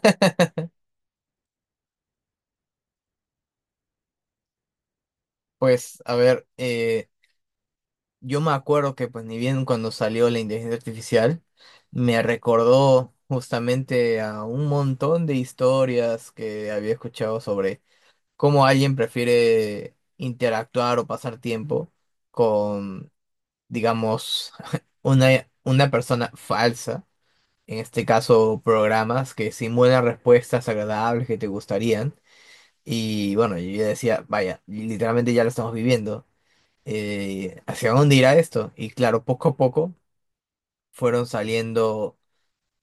Pues, a ver, yo me acuerdo pues, ni bien cuando salió la inteligencia artificial, me recordó justamente a un montón de historias que había escuchado sobre cómo alguien prefiere interactuar o pasar tiempo con, digamos, una persona falsa, en este caso, programas que simulan respuestas agradables que te gustarían. Y bueno, yo ya decía, vaya, literalmente ya lo estamos viviendo. ¿ ¿Hacia dónde irá esto? Y claro, poco a poco fueron saliendo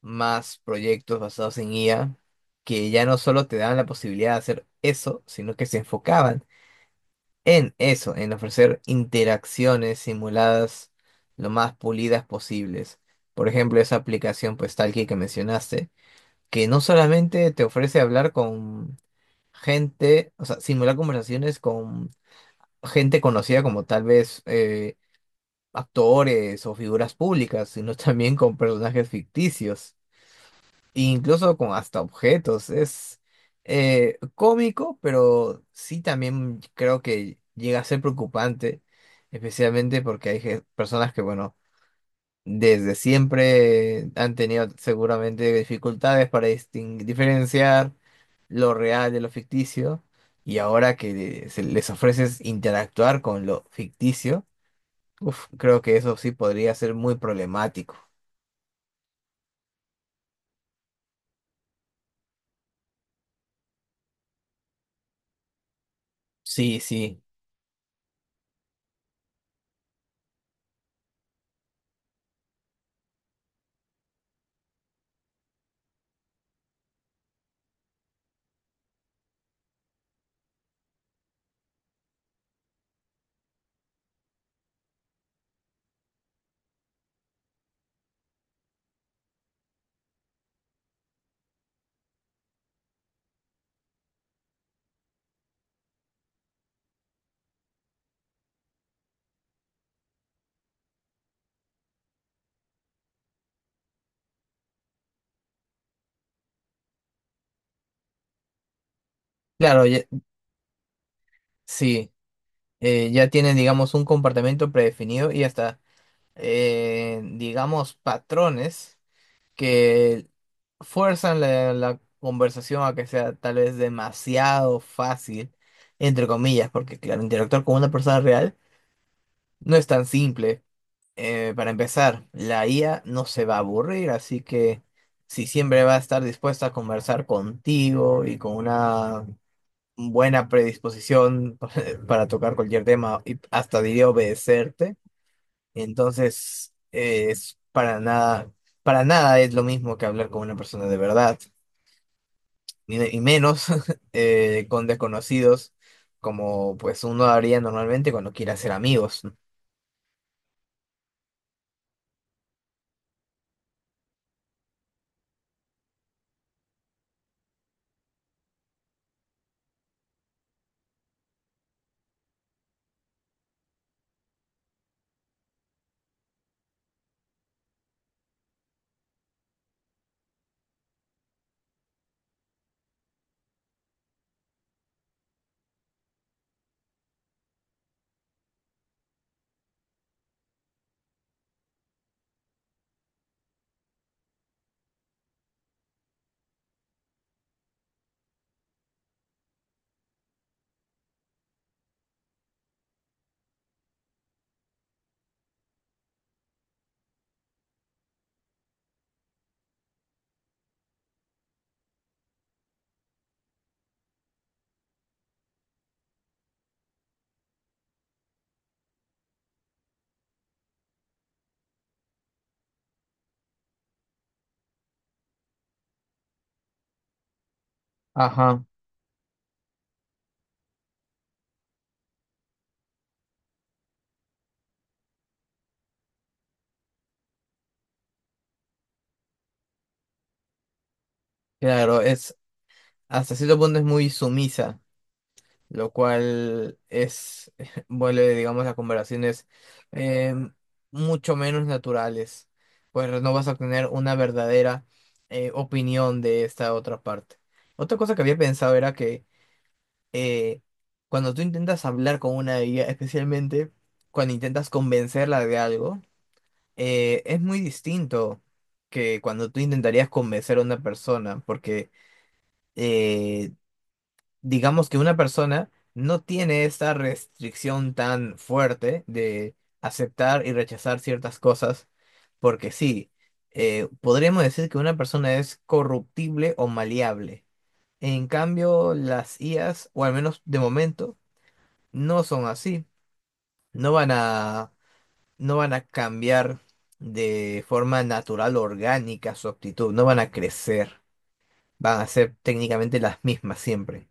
más proyectos basados en IA que ya no solo te daban la posibilidad de hacer eso, sino que se enfocaban en eso, en ofrecer interacciones simuladas lo más pulidas posibles. Por ejemplo, esa aplicación pues Talkie que mencionaste, que no solamente te ofrece hablar con gente, o sea, simular conversaciones con gente conocida como tal vez actores o figuras públicas, sino también con personajes ficticios, e incluso con hasta objetos. Es cómico, pero sí también creo que llega a ser preocupante, especialmente porque hay personas que, bueno, desde siempre han tenido seguramente dificultades para diferenciar lo real de lo ficticio, y ahora que se les ofreces interactuar con lo ficticio, uf, creo que eso sí podría ser muy problemático. Sí, sí. Claro. Sí. Ya tienen, digamos, un comportamiento predefinido y hasta, digamos, patrones que fuerzan la conversación a que sea tal vez demasiado fácil, entre comillas, porque, claro, interactuar con una persona real no es tan simple. Para empezar, la IA no se va a aburrir, así que si siempre va a estar dispuesta a conversar contigo y con una buena predisposición para tocar cualquier tema y hasta diría obedecerte, entonces es para nada es lo mismo que hablar con una persona de verdad, y menos con desconocidos como pues uno haría normalmente cuando quiere hacer amigos. Ajá. Claro, es hasta cierto punto es muy sumisa, lo cual es, vuelve, digamos, a conversaciones eh, mucho menos naturales, pues no vas a obtener una verdadera opinión de esta otra parte. Otra cosa que había pensado era que eh, cuando tú intentas hablar con una guía, especialmente cuando intentas convencerla de algo, es muy distinto que cuando tú intentarías convencer a una persona, porque... eh, digamos que una persona no tiene esta restricción tan fuerte de aceptar y rechazar ciertas cosas, porque sí, podríamos decir que una persona es corruptible o maleable. En cambio, las IAs, o al menos de momento, no son así. No van a, no van a cambiar de forma natural, orgánica su actitud, no van a crecer, van a ser técnicamente las mismas siempre.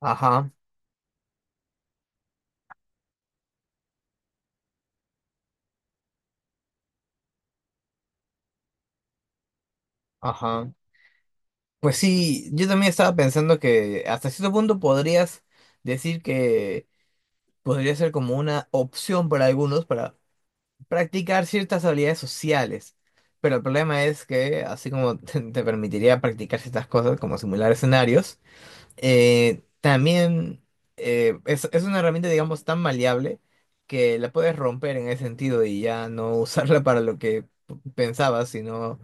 Ajá, ajá. Pues sí, yo también estaba pensando que hasta cierto punto podrías decir que podría ser como una opción para algunos para practicar ciertas habilidades sociales. Pero el problema es que, así como te permitiría practicar ciertas cosas, como simular escenarios, también es una herramienta, digamos, tan maleable que la puedes romper en ese sentido y ya no usarla para lo que pensabas, sino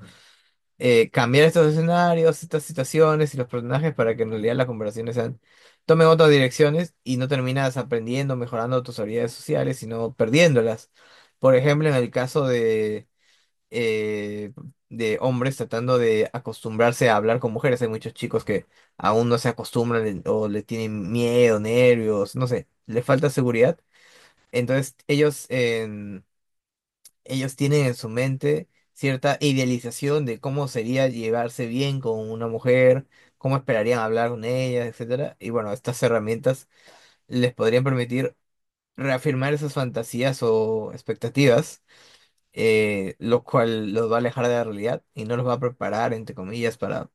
cambiar estos escenarios, estas situaciones y los personajes para que en realidad las conversaciones sean, tomen otras direcciones y no terminas aprendiendo, mejorando tus habilidades sociales, sino perdiéndolas. Por ejemplo, en el caso eh, de hombres tratando de acostumbrarse a hablar con mujeres, hay muchos chicos que aún no se acostumbran o le tienen miedo, nervios, no sé, les falta seguridad. Entonces ellos tienen en su mente cierta idealización de cómo sería llevarse bien con una mujer, cómo esperarían hablar con ella, etcétera. Y bueno, estas herramientas les podrían permitir reafirmar esas fantasías o expectativas, lo cual los va a alejar de la realidad y no los va a preparar, entre comillas, para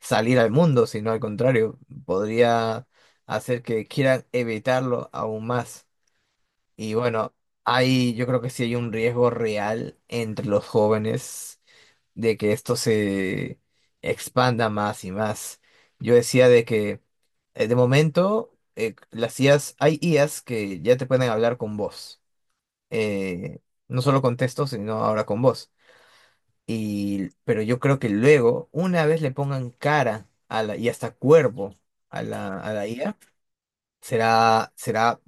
salir al mundo, sino al contrario, podría hacer que quieran evitarlo aún más. Y bueno, hay, yo creo que sí hay un riesgo real entre los jóvenes de que esto se expanda más y más. Yo decía de que de momento las IAs, hay IAs que ya te pueden hablar con voz, eh, no solo con texto, sino ahora con voz. Y, pero yo creo que luego, una vez le pongan cara a la, y hasta cuerpo a la IA, será, será,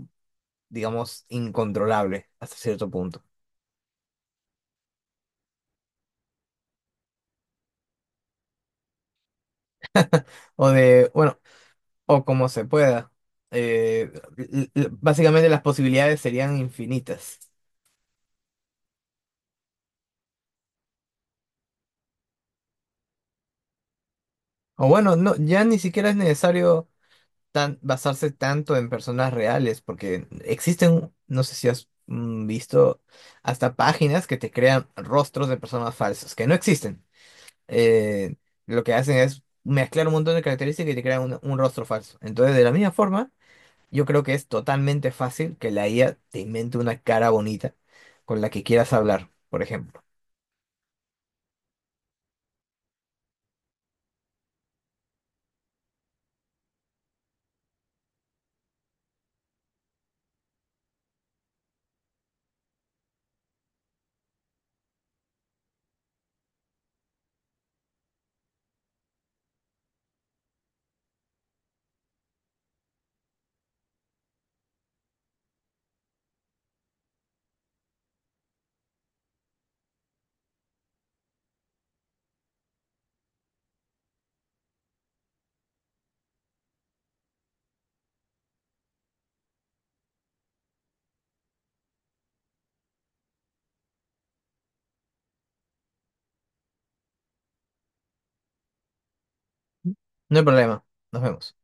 digamos, incontrolable hasta cierto punto. O de, bueno, o como se pueda. Eh, básicamente las posibilidades serían infinitas. O bueno, no, ya ni siquiera es necesario tan, basarse tanto en personas reales, porque existen, no sé si has visto, hasta páginas que te crean rostros de personas falsas, que no existen. Eh, lo que hacen es mezclar un montón de características y te crean un rostro falso. Entonces, de la misma forma, yo creo que es totalmente fácil que la IA te invente una cara bonita con la que quieras hablar, por ejemplo. No hay problema. Nos vemos.